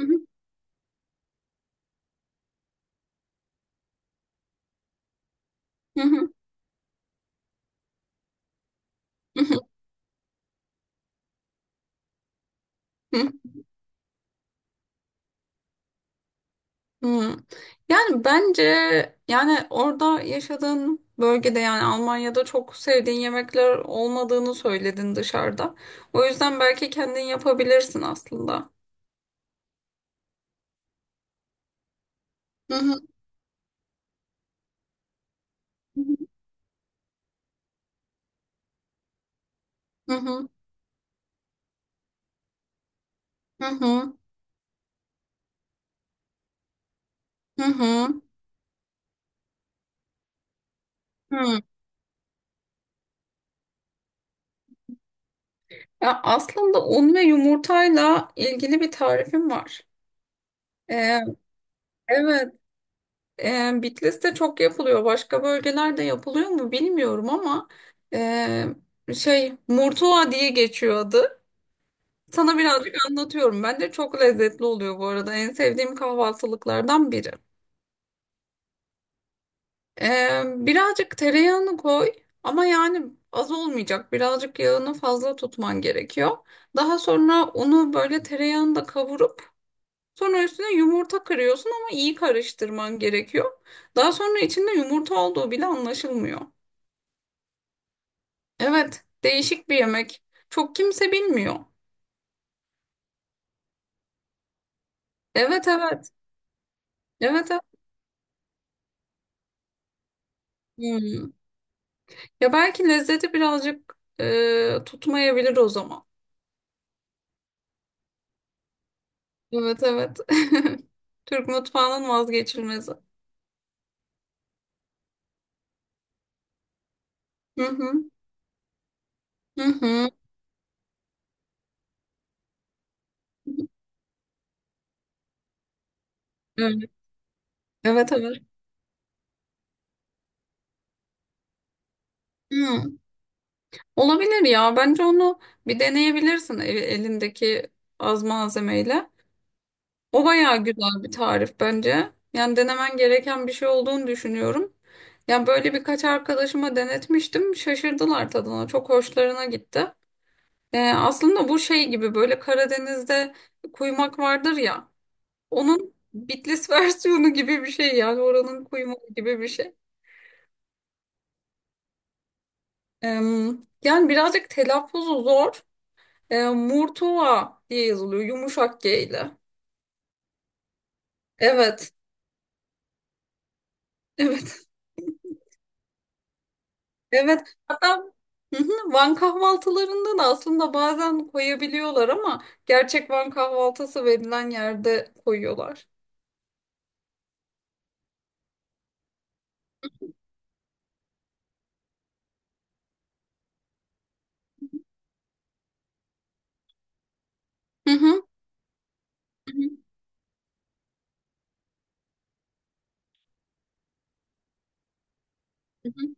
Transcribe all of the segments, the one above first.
Hı hı, hı hı, hı hı, hı. Yani bence, yani orada yaşadığın bölgede, yani Almanya'da çok sevdiğin yemekler olmadığını söyledin dışarıda. O yüzden belki kendin yapabilirsin aslında. Hı hı, hı hı, hı hı, hı hı, hı. Ya aslında un ve yumurtayla ilgili bir tarifim var. Ee, evet. Bitlis'te çok yapılıyor. Başka bölgelerde yapılıyor mu bilmiyorum, ama şey Murtuva diye geçiyor adı. Sana birazcık anlatıyorum. Bence çok lezzetli oluyor bu arada. En sevdiğim kahvaltılıklardan biri. Birazcık tereyağını koy, ama yani az olmayacak. Birazcık yağını fazla tutman gerekiyor. Daha sonra unu böyle tereyağında kavurup sonra üstüne yumurta kırıyorsun, ama iyi karıştırman gerekiyor. Daha sonra içinde yumurta olduğu bile anlaşılmıyor. Evet, değişik bir yemek. Çok kimse bilmiyor. Evet, evet. Evet, evet. Hmm. Ya belki lezzeti birazcık tutmayabilir o zaman. Evet, evet. Türk mutfağının vazgeçilmezi. Hı hı. Hı hı. Evet, evet. Evet. Hı. Olabilir ya. Bence onu bir deneyebilirsin, elindeki az malzemeyle. O bayağı güzel bir tarif bence. Yani denemen gereken bir şey olduğunu düşünüyorum. Yani böyle birkaç arkadaşıma denetmiştim. Şaşırdılar tadına. Çok hoşlarına gitti. Aslında bu şey gibi, böyle Karadeniz'de kuymak vardır ya. Onun Bitlis versiyonu gibi bir şey, yani oranın kuymağı gibi bir şey. Ee, yani birazcık telaffuzu zor. Murtuva diye yazılıyor, yumuşak G ile. Evet. Evet. Evet. Hatta. Hı hı, Van kahvaltılarında da aslında bazen koyabiliyorlar, ama gerçek Van kahvaltısı verilen yerde koyuyorlar. Hı hı, hı hı, hı hı.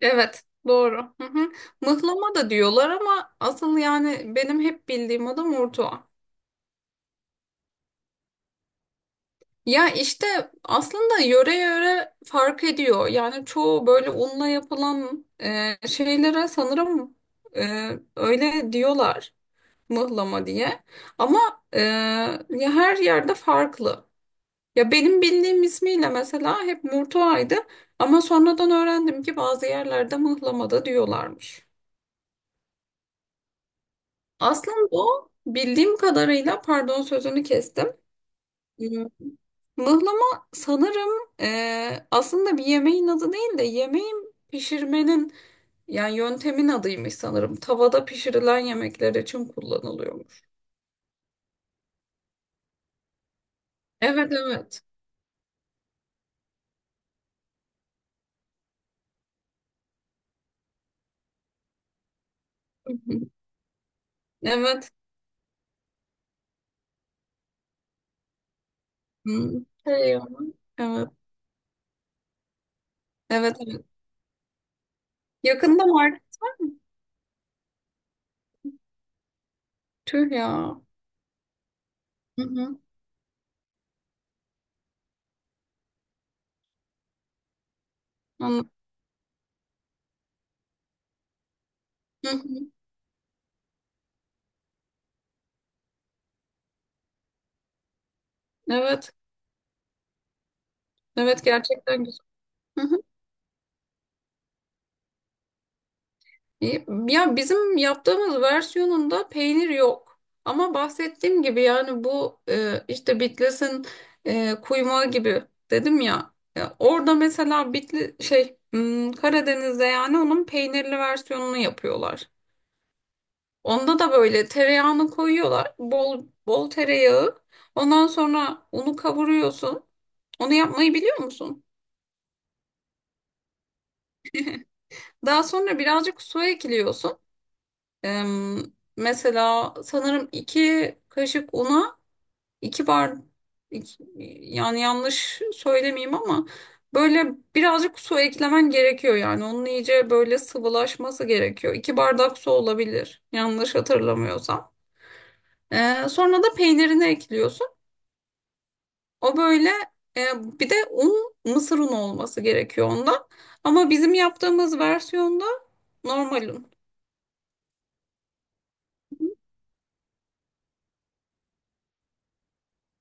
Evet, doğru. Hı hı. Mıhlama da diyorlar, ama asıl yani benim hep bildiğim adı Murtuva. Ya işte, aslında yöre yöre fark ediyor. Yani çoğu böyle unla yapılan şeylere sanırım e, öyle diyorlar, mıhlama diye. Ama e, ya her yerde farklı. Ya benim bildiğim ismiyle mesela hep Murtua'ydı, ama sonradan öğrendim ki bazı yerlerde mıhlamada diyorlarmış. Aslında o, bildiğim kadarıyla, pardon, sözünü kestim. Hmm, Mıhlama sanırım, aslında bir yemeğin adı değil de yemeğin pişirmenin, yani yöntemin adıymış sanırım. Tavada pişirilen yemekler için kullanılıyormuş. Evet, evet. Hı hı. Evet. Hmm. Şey ama. Evet. Evet, evet. Yakında market var mı? Tüh ya. Hı hı, anladım. Hı hı. Evet, evet, gerçekten güzel. Hı hı. İyi. Ya bizim yaptığımız versiyonunda peynir yok. Ama bahsettiğim gibi, yani bu işte Bitlis'in kuymağı gibi, dedim ya. Ya orada mesela Karadeniz'de, yani onun peynirli versiyonunu yapıyorlar. Onda da böyle tereyağını koyuyorlar. Bol bol tereyağı. Ondan sonra unu kavuruyorsun. Onu yapmayı biliyor musun? Daha sonra birazcık su ekliyorsun. Eee, mesela sanırım iki kaşık una, iki bar, iki- yani yanlış söylemeyeyim, ama böyle birazcık su eklemen gerekiyor yani. Onun iyice böyle sıvılaşması gerekiyor. İki bardak su olabilir, yanlış hatırlamıyorsam. Sonra da peynirini ekliyorsun. O böyle, eee, bir de un, mısır unu olması gerekiyor onda. Ama bizim yaptığımız versiyonda normal un.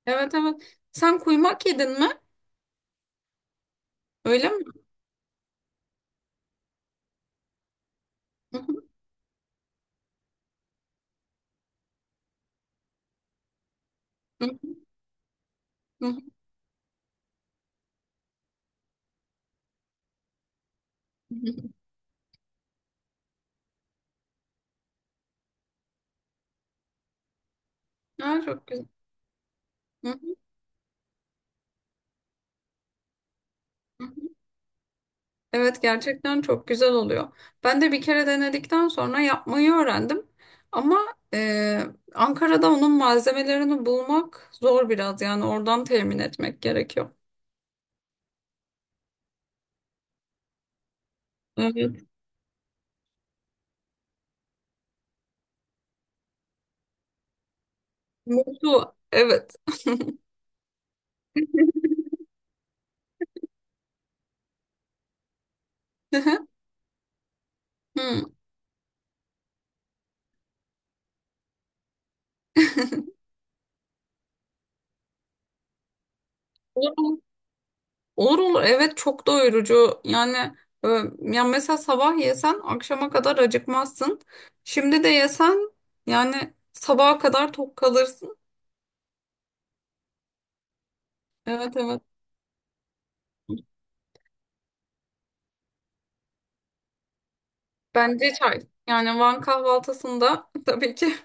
Evet, evet. Sen kuymak yedin mi? Öyle mi? Ha, çok güzel. Evet, gerçekten çok güzel oluyor. Ben de bir kere denedikten sonra yapmayı öğrendim. Ama e, Ankara'da onun malzemelerini bulmak zor biraz, yani oradan temin etmek gerekiyor. Evet. Mutlu. Evet. Hı. Olur, olur, evet, çok doyurucu yani, e, ya mesela sabah yesen akşama kadar acıkmazsın. Şimdi de yesen, yani sabaha kadar tok kalırsın. Evet, evet, bence çay, yani Van kahvaltısında tabii ki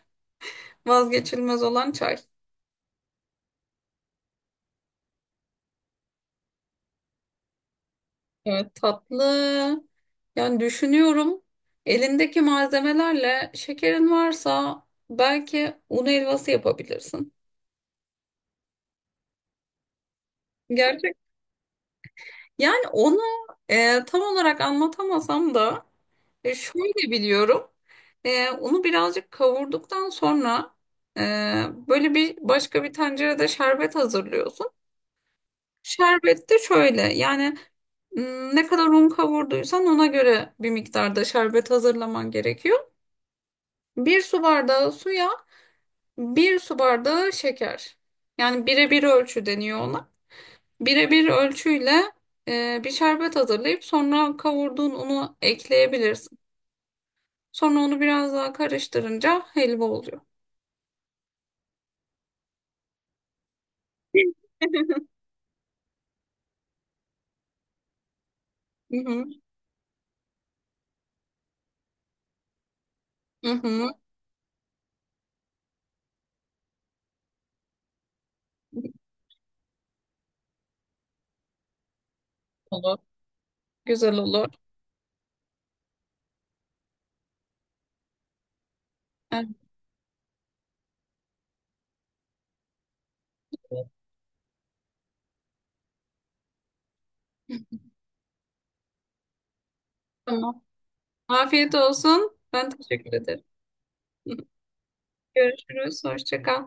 vazgeçilmez olan çay. Evet, tatlı, yani düşünüyorum, elindeki malzemelerle şekerin varsa belki un helvası yapabilirsin. Gerçek, yani onu tam olarak anlatamasam da, şöyle biliyorum. Unu birazcık kavurduktan sonra, e, böyle bir başka bir tencerede şerbet hazırlıyorsun. Şerbet de şöyle, yani, ne kadar un kavurduysan ona göre bir miktarda şerbet hazırlaman gerekiyor. Bir su bardağı suya bir su bardağı şeker. Yani birebir ölçü deniyor ona. Birebir ölçüyle bir şerbet hazırlayıp sonra kavurduğun unu ekleyebilirsin. Sonra onu biraz daha karıştırınca helva oluyor. Hı hı. Hı hı. Olur. Güzel olur. Evet. Tamam. Afiyet olsun. Ben teşekkür ederim. Görüşürüz. Hoşça kal.